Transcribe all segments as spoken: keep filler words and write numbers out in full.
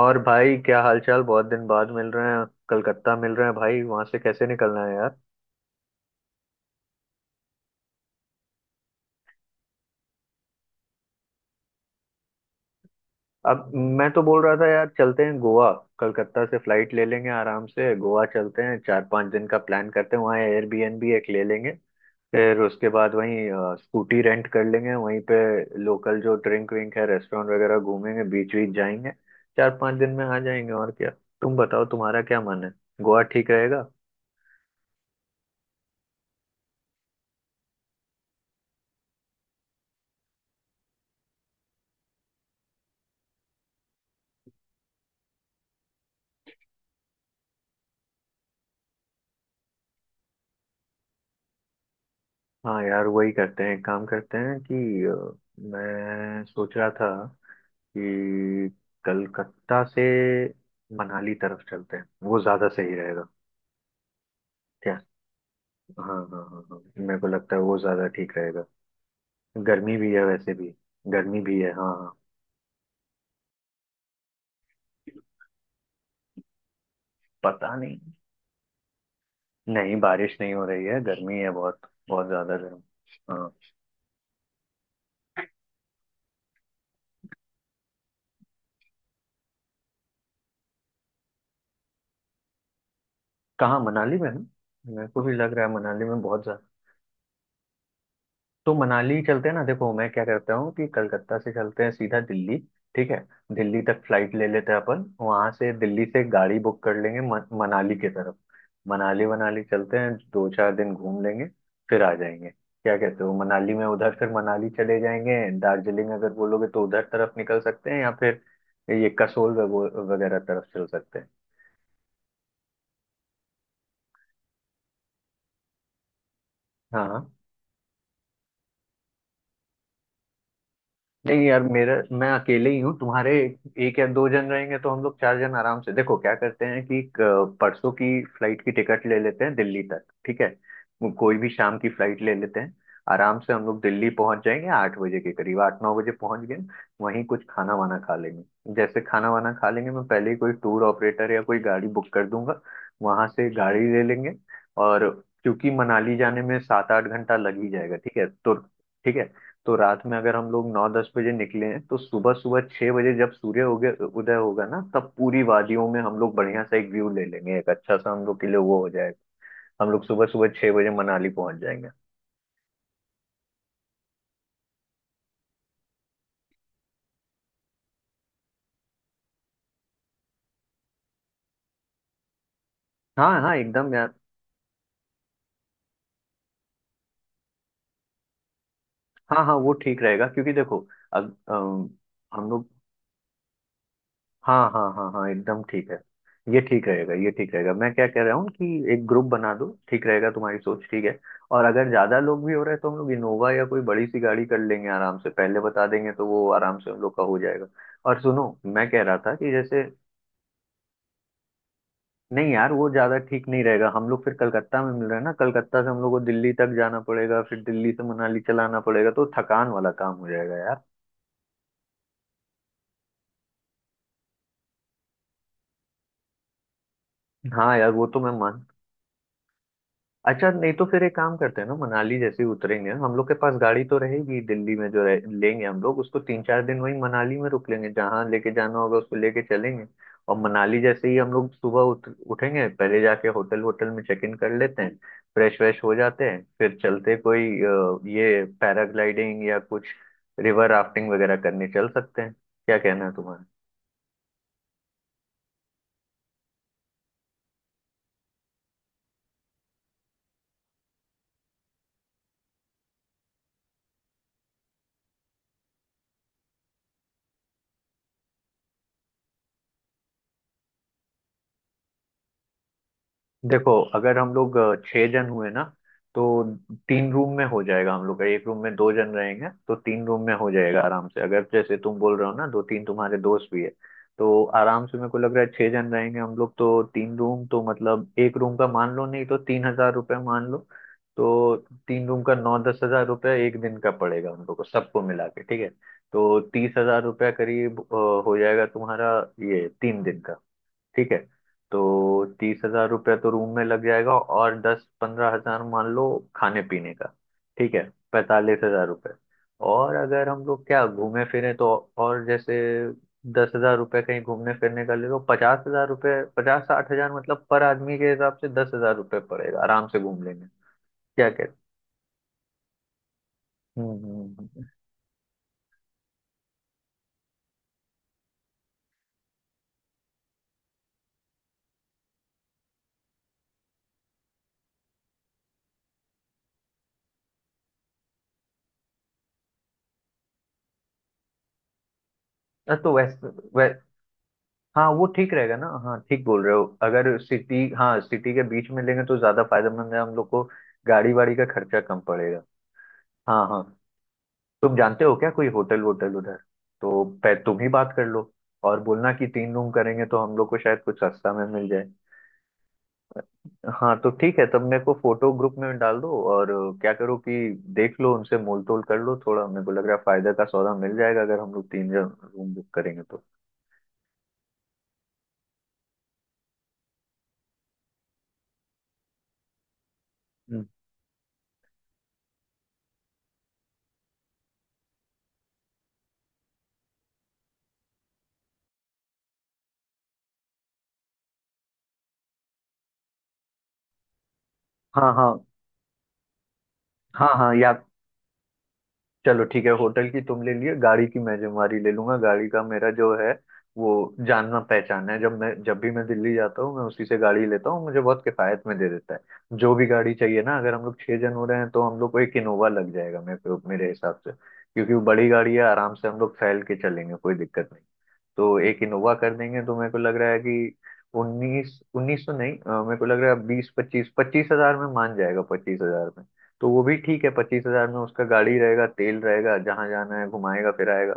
और भाई, क्या हालचाल? बहुत दिन बाद मिल रहे हैं, कलकत्ता मिल रहे हैं भाई। वहां से कैसे निकलना है यार? अब मैं तो बोल रहा था यार, चलते हैं गोवा। कलकत्ता से फ्लाइट ले लेंगे, आराम से गोवा चलते हैं। चार पांच दिन का प्लान करते हैं, वहाँ एयरबीएनबी एक ले लेंगे। फिर उसके बाद वहीं अ, स्कूटी रेंट कर लेंगे वहीं पे। लोकल जो ड्रिंक विंक है, रेस्टोरेंट वगैरह घूमेंगे, बीच बीच जाएंगे। चार पांच दिन में आ जाएंगे, और क्या। तुम बताओ, तुम्हारा क्या मन है? गोवा ठीक रहेगा? हाँ यार, वही करते हैं। एक काम करते हैं कि अ, मैं सोच रहा था कि कलकत्ता से मनाली तरफ चलते हैं, वो ज़्यादा सही रहेगा। क्या? हाँ हाँ हाँ हाँ। मेरे को लगता है वो ज़्यादा ठीक रहेगा। गर्मी भी है वैसे भी। गर्मी भी है, हाँ हाँ। पता नहीं। नहीं, बारिश नहीं हो रही है, गर्मी है बहुत। बहुत ज़्यादा गर्म। हाँ। कहाँ, मनाली में है? मेरे को भी लग रहा है मनाली में बहुत। तो मनाली चलते हैं ना। देखो मैं क्या करता हूँ कि कलकत्ता से चलते हैं सीधा दिल्ली। ठीक है। दिल्ली तक फ्लाइट ले लेते हैं अपन, वहां से दिल्ली से गाड़ी बुक कर लेंगे मन, मनाली की तरफ। मनाली वनाली चलते हैं, दो चार दिन घूम लेंगे। फिर आ जाएंगे, क्या कहते हो? मनाली में उधर फिर मनाली चले जाएंगे, दार्जिलिंग अगर बोलोगे तो उधर तरफ निकल सकते हैं, या फिर ये कसोल वगो- वगैरह तरफ चल सकते हैं। हाँ हाँ। नहीं यार, मेरा मैं अकेले ही हूँ। तुम्हारे एक या दो जन रहेंगे तो हम लोग चार जन आराम से। देखो क्या करते हैं कि क- परसों की फ्लाइट की टिकट ले लेते हैं दिल्ली तक, ठीक है। वो कोई भी शाम की फ्लाइट ले लेते हैं। आराम से हम लोग दिल्ली पहुंच जाएंगे आठ बजे के करीब, आठ नौ बजे पहुंच गए। वहीं कुछ खाना वाना खा लेंगे। जैसे खाना वाना खा लेंगे, मैं पहले ही कोई टूर ऑपरेटर या कोई गाड़ी बुक कर दूंगा। वहां से गाड़ी ले लेंगे। और क्योंकि मनाली जाने में सात आठ घंटा लग ही जाएगा, ठीक है। तो ठीक है। तो रात में अगर हम लोग नौ दस बजे निकले हैं, तो सुबह सुबह छह बजे, जब सूर्य उगे उदय होगा ना, तब पूरी वादियों में हम लोग बढ़िया सा एक व्यू ले लेंगे, एक अच्छा सा हम लोग के लिए वो हो जाएगा। हम लोग सुबह सुबह छह बजे मनाली पहुंच जाएंगे। हाँ हाँ, एकदम यार। हाँ हाँ, वो ठीक रहेगा क्योंकि देखो अब अम, हम लोग, हाँ हाँ हाँ हाँ, एकदम ठीक है। ये ठीक रहेगा, ये ठीक रहेगा। मैं क्या कह रहा हूँ कि एक ग्रुप बना दो, ठीक रहेगा, तुम्हारी सोच ठीक है। और अगर ज्यादा लोग भी हो रहे हैं तो हम लोग इनोवा या कोई बड़ी सी गाड़ी कर लेंगे आराम से, पहले बता देंगे तो वो आराम से हम लोग का हो जाएगा। और सुनो, मैं कह रहा था कि जैसे, नहीं यार, वो ज्यादा ठीक नहीं रहेगा। हम लोग फिर कलकत्ता में मिल रहे हैं ना, कलकत्ता से हम लोग को दिल्ली तक जाना पड़ेगा, फिर दिल्ली से मनाली चलाना पड़ेगा तो थकान वाला काम हो जाएगा यार। हाँ यार, वो तो मैं। अच्छा, नहीं तो फिर एक काम करते हैं ना, मनाली जैसे ही उतरेंगे हम लोग के पास गाड़ी तो रहेगी। दिल्ली में जो रहे, लेंगे हम लोग उसको तीन चार दिन वहीं मनाली में रुक लेंगे, जहाँ लेके जाना होगा उसको लेके चलेंगे। और मनाली जैसे ही हम लोग सुबह उठ, उठेंगे पहले जाके होटल वोटल में चेक इन कर लेते हैं। फ्रेश व्रेश हो जाते हैं, फिर चलते कोई अ, ये पैराग्लाइडिंग या कुछ रिवर राफ्टिंग वगैरह करने चल सकते हैं। क्या कहना है तुम्हारा? देखो अगर हम लोग अ, छह जन हुए ना, तो तीन रूम में हो जाएगा हम लोग का, एक रूम में दो जन रहेंगे तो तीन रूम में हो जाएगा आराम से। अगर जैसे तुम बोल रहे हो ना, दो तीन तुम्हारे दोस्त भी है, तो आराम से। मेरे को लग रहा है छह जन रहेंगे हम लोग तो तीन रूम तो, मतलब एक रूम का मान लो, नहीं तो तीन हजार रुपये मान लो। तो तीन रूम का नौ दस हजार रुपये एक दिन का पड़ेगा हम लोग को सबको मिला के, ठीक है। तो तीस हजार रुपया करीब अ, हो जाएगा तुम्हारा, ये तीन दिन का, ठीक है। तो तीस हजार रुपया तो रूम में लग जाएगा, और दस पंद्रह हजार मान लो खाने पीने का, ठीक है। पैंतालीस हजार रुपये। और अगर हम लोग क्या घूमे फिरे तो, और जैसे दस हजार रुपये कहीं घूमने फिरने का ले लो, पचास हजार रुपये, पचास साठ हजार मतलब, पर आदमी के हिसाब से दस हजार रुपये पड़ेगा, आराम से घूम लेंगे। क्या कहते हैं? हम्म हम्म, हम्म। अ, तो वैसे वै, हाँ वो ठीक रहेगा ना। हाँ ठीक बोल रहे हो, अगर सिटी, हाँ, सिटी के बीच में लेंगे तो ज्यादा फायदेमंद है हम लोग को। गाड़ी वाड़ी का खर्चा कम पड़ेगा। हाँ हाँ। तुम जानते हो क्या कोई होटल वोटल उधर? तो पै तुम ही बात कर लो। और बोलना कि तीन रूम करेंगे तो हम लोग को शायद कुछ सस्ता में मिल जाए। हाँ तो ठीक है, तब मेरे को फोटो ग्रुप में डाल दो और अ, क्या करो कि देख लो उनसे मोल तोल कर लो थोड़ा, मेरे को लग रहा है फायदा का सौदा मिल जाएगा अगर हम लोग तीन जन रूम बुक करेंगे तो। हम्म। हाँ हाँ हाँ हाँ, या चलो ठीक है, होटल की तुम ले लिए, गाड़ी की मैं जिम्मेवारी ले लूंगा। गाड़ी का मेरा जो है वो जानना पहचाना है, जब मैं जब भी मैं दिल्ली जाता हूँ मैं उसी से गाड़ी लेता हूँ, मुझे बहुत किफायत में दे देता है जो भी गाड़ी चाहिए ना। अगर हम लोग छह जन हो रहे हैं तो हम लोग को एक इनोवा लग जाएगा मेरे मेरे हिसाब से, क्योंकि वो बड़ी गाड़ी है, आराम से हम लोग फैल के चलेंगे, कोई दिक्कत नहीं। तो एक इनोवा कर देंगे, तो मेरे को लग रहा है कि उन्नीस उन्नीस तो नहीं, अ, मेरे को लग रहा है बीस पच्चीस पच्चीस हजार में मान जाएगा, पच्चीस हजार। तो वो भी ठीक है, पच्चीस हजार में उसका गाड़ी रहेगा, तेल रहेगा, जहां जाना है घुमाएगा फिराएगा।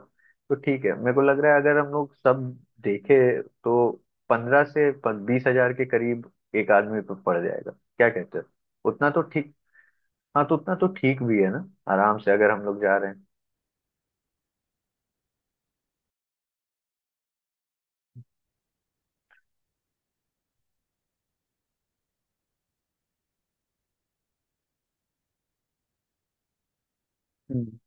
तो ठीक है, मेरे को लग रहा है अगर हम लोग सब देखे तो पंद्रह से बीस हजार के करीब एक आदमी पर पड़ जाएगा, क्या कहते हो, उतना तो ठीक। हाँ तो उतना तो ठीक भी है ना। आराम से अगर हम लोग जा रहे हैं।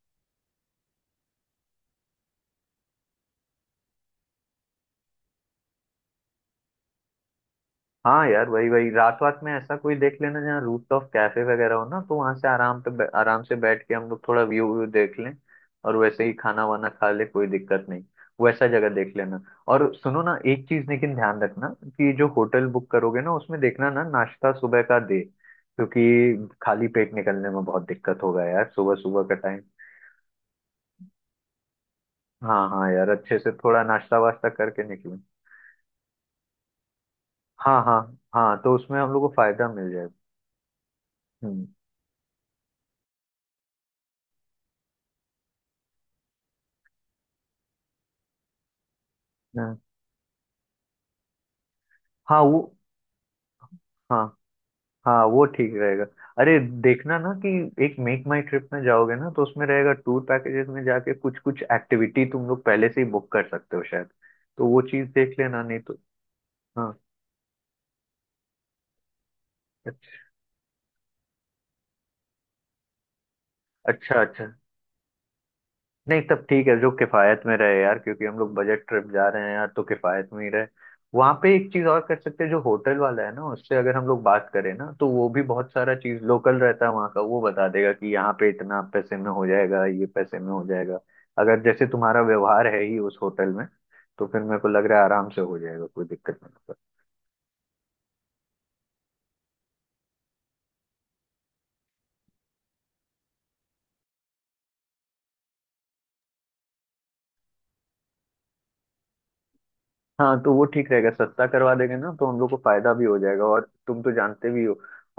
हाँ यार, वही वही रात रात में ऐसा कोई देख लेना जहाँ रूफटॉप कैफे वगैरह हो ना, तो वहां से आराम पे बै- आराम से बैठ के हम लोग थोड़ा व्यू व्यू देख लें। और वैसे ही खाना वाना खा ले, कोई दिक्कत नहीं। वैसा जगह देख लेना। और सुनो ना, एक चीज लेकिन ध्यान रखना कि जो होटल बुक करोगे ना उसमें देखना ना नाश्ता सुबह का दे, क्योंकि खाली पेट निकलने में बहुत दिक्कत होगा यार, सुबह सुबह का टाइम। हाँ हाँ यार, अच्छे से थोड़ा नाश्ता वास्ता करके निकलें। हाँ हाँ। हाँ तो उसमें हम लोग को फायदा मिल जाएगा। हम्म। हाँ हाँ, वो, हाँ हाँ, वो ठीक रहेगा। अरे देखना ना कि एक मेक माई ट्रिप में जाओगे ना, तो उसमें रहेगा टूर पैकेजेस में जाके कुछ कुछ एक्टिविटी तुम लोग पहले से ही बुक कर सकते हो शायद। तो वो चीज देख लेना, नहीं तो। हाँ। अच्छा। अच्छा अच्छा। नहीं तब ठीक है, जो किफायत में रहे यार, क्योंकि हम लोग बजट ट्रिप जा रहे हैं यार, तो किफायत में ही रहे। वहां पे एक चीज और कर सकते हैं, जो होटल वाला है ना उससे अगर हम लोग बात करें ना, तो वो भी बहुत सारा चीज लोकल रहता है वहाँ का, वो बता देगा कि यहाँ पे इतना पैसे में हो जाएगा, ये पैसे में हो जाएगा। अगर जैसे तुम्हारा व्यवहार है ही उस होटल में, तो फिर मेरे को लग रहा है आराम से हो जाएगा, कोई दिक्कत नहीं। हाँ तो वो ठीक रहेगा, सस्ता करवा देंगे ना तो हम लोग को फायदा भी हो जाएगा, और तुम तो जानते भी हो।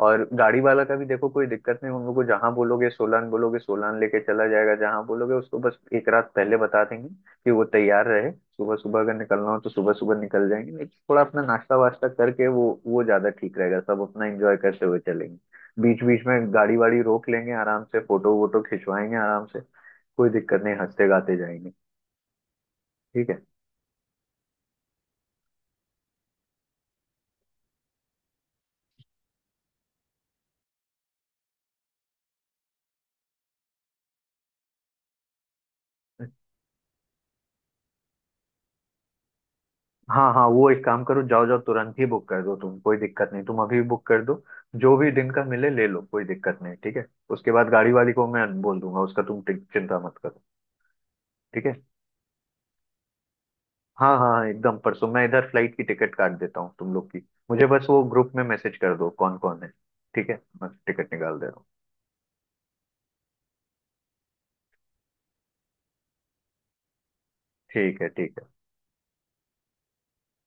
और गाड़ी वाला का भी देखो, कोई दिक्कत नहीं उन लोग को, जहाँ बोलोगे, सोलान बोलोगे सोलान लेके चला जाएगा, जहाँ बोलोगे उसको बस एक रात पहले बता देंगे कि वो तैयार रहे। सुबह सुबह अगर निकलना हो तो सुबह सुबह निकल जाएंगे, नहीं थोड़ा अपना नाश्ता वास्ता करके वो वो ज्यादा ठीक रहेगा, सब अपना एंजॉय करते हुए चलेंगे। बीच बीच में गाड़ी वाड़ी रोक लेंगे आराम से, फोटो वोटो खिंचवाएंगे आराम से। कोई दिक्कत नहीं, हंसते गाते जाएंगे। ठीक है। हाँ हाँ, वो एक काम करो, जाओ जाओ तुरंत ही बुक कर दो तुम, कोई दिक्कत नहीं, तुम अभी बुक कर दो। जो भी दिन का मिले ले लो, कोई दिक्कत नहीं, ठीक है। उसके बाद गाड़ी वाली को मैं बोल दूंगा उसका, तुम टिक- चिंता मत करो। ठीक है। हाँ हाँ हाँ, एकदम परसों मैं इधर फ्लाइट की टिकट काट देता हूँ तुम लोग की। मुझे बस वो ग्रुप में मैसेज कर दो कौन कौन है। ठीक है, मैं टिकट निकाल दे रहा हूँ। ठीक है ठीक है।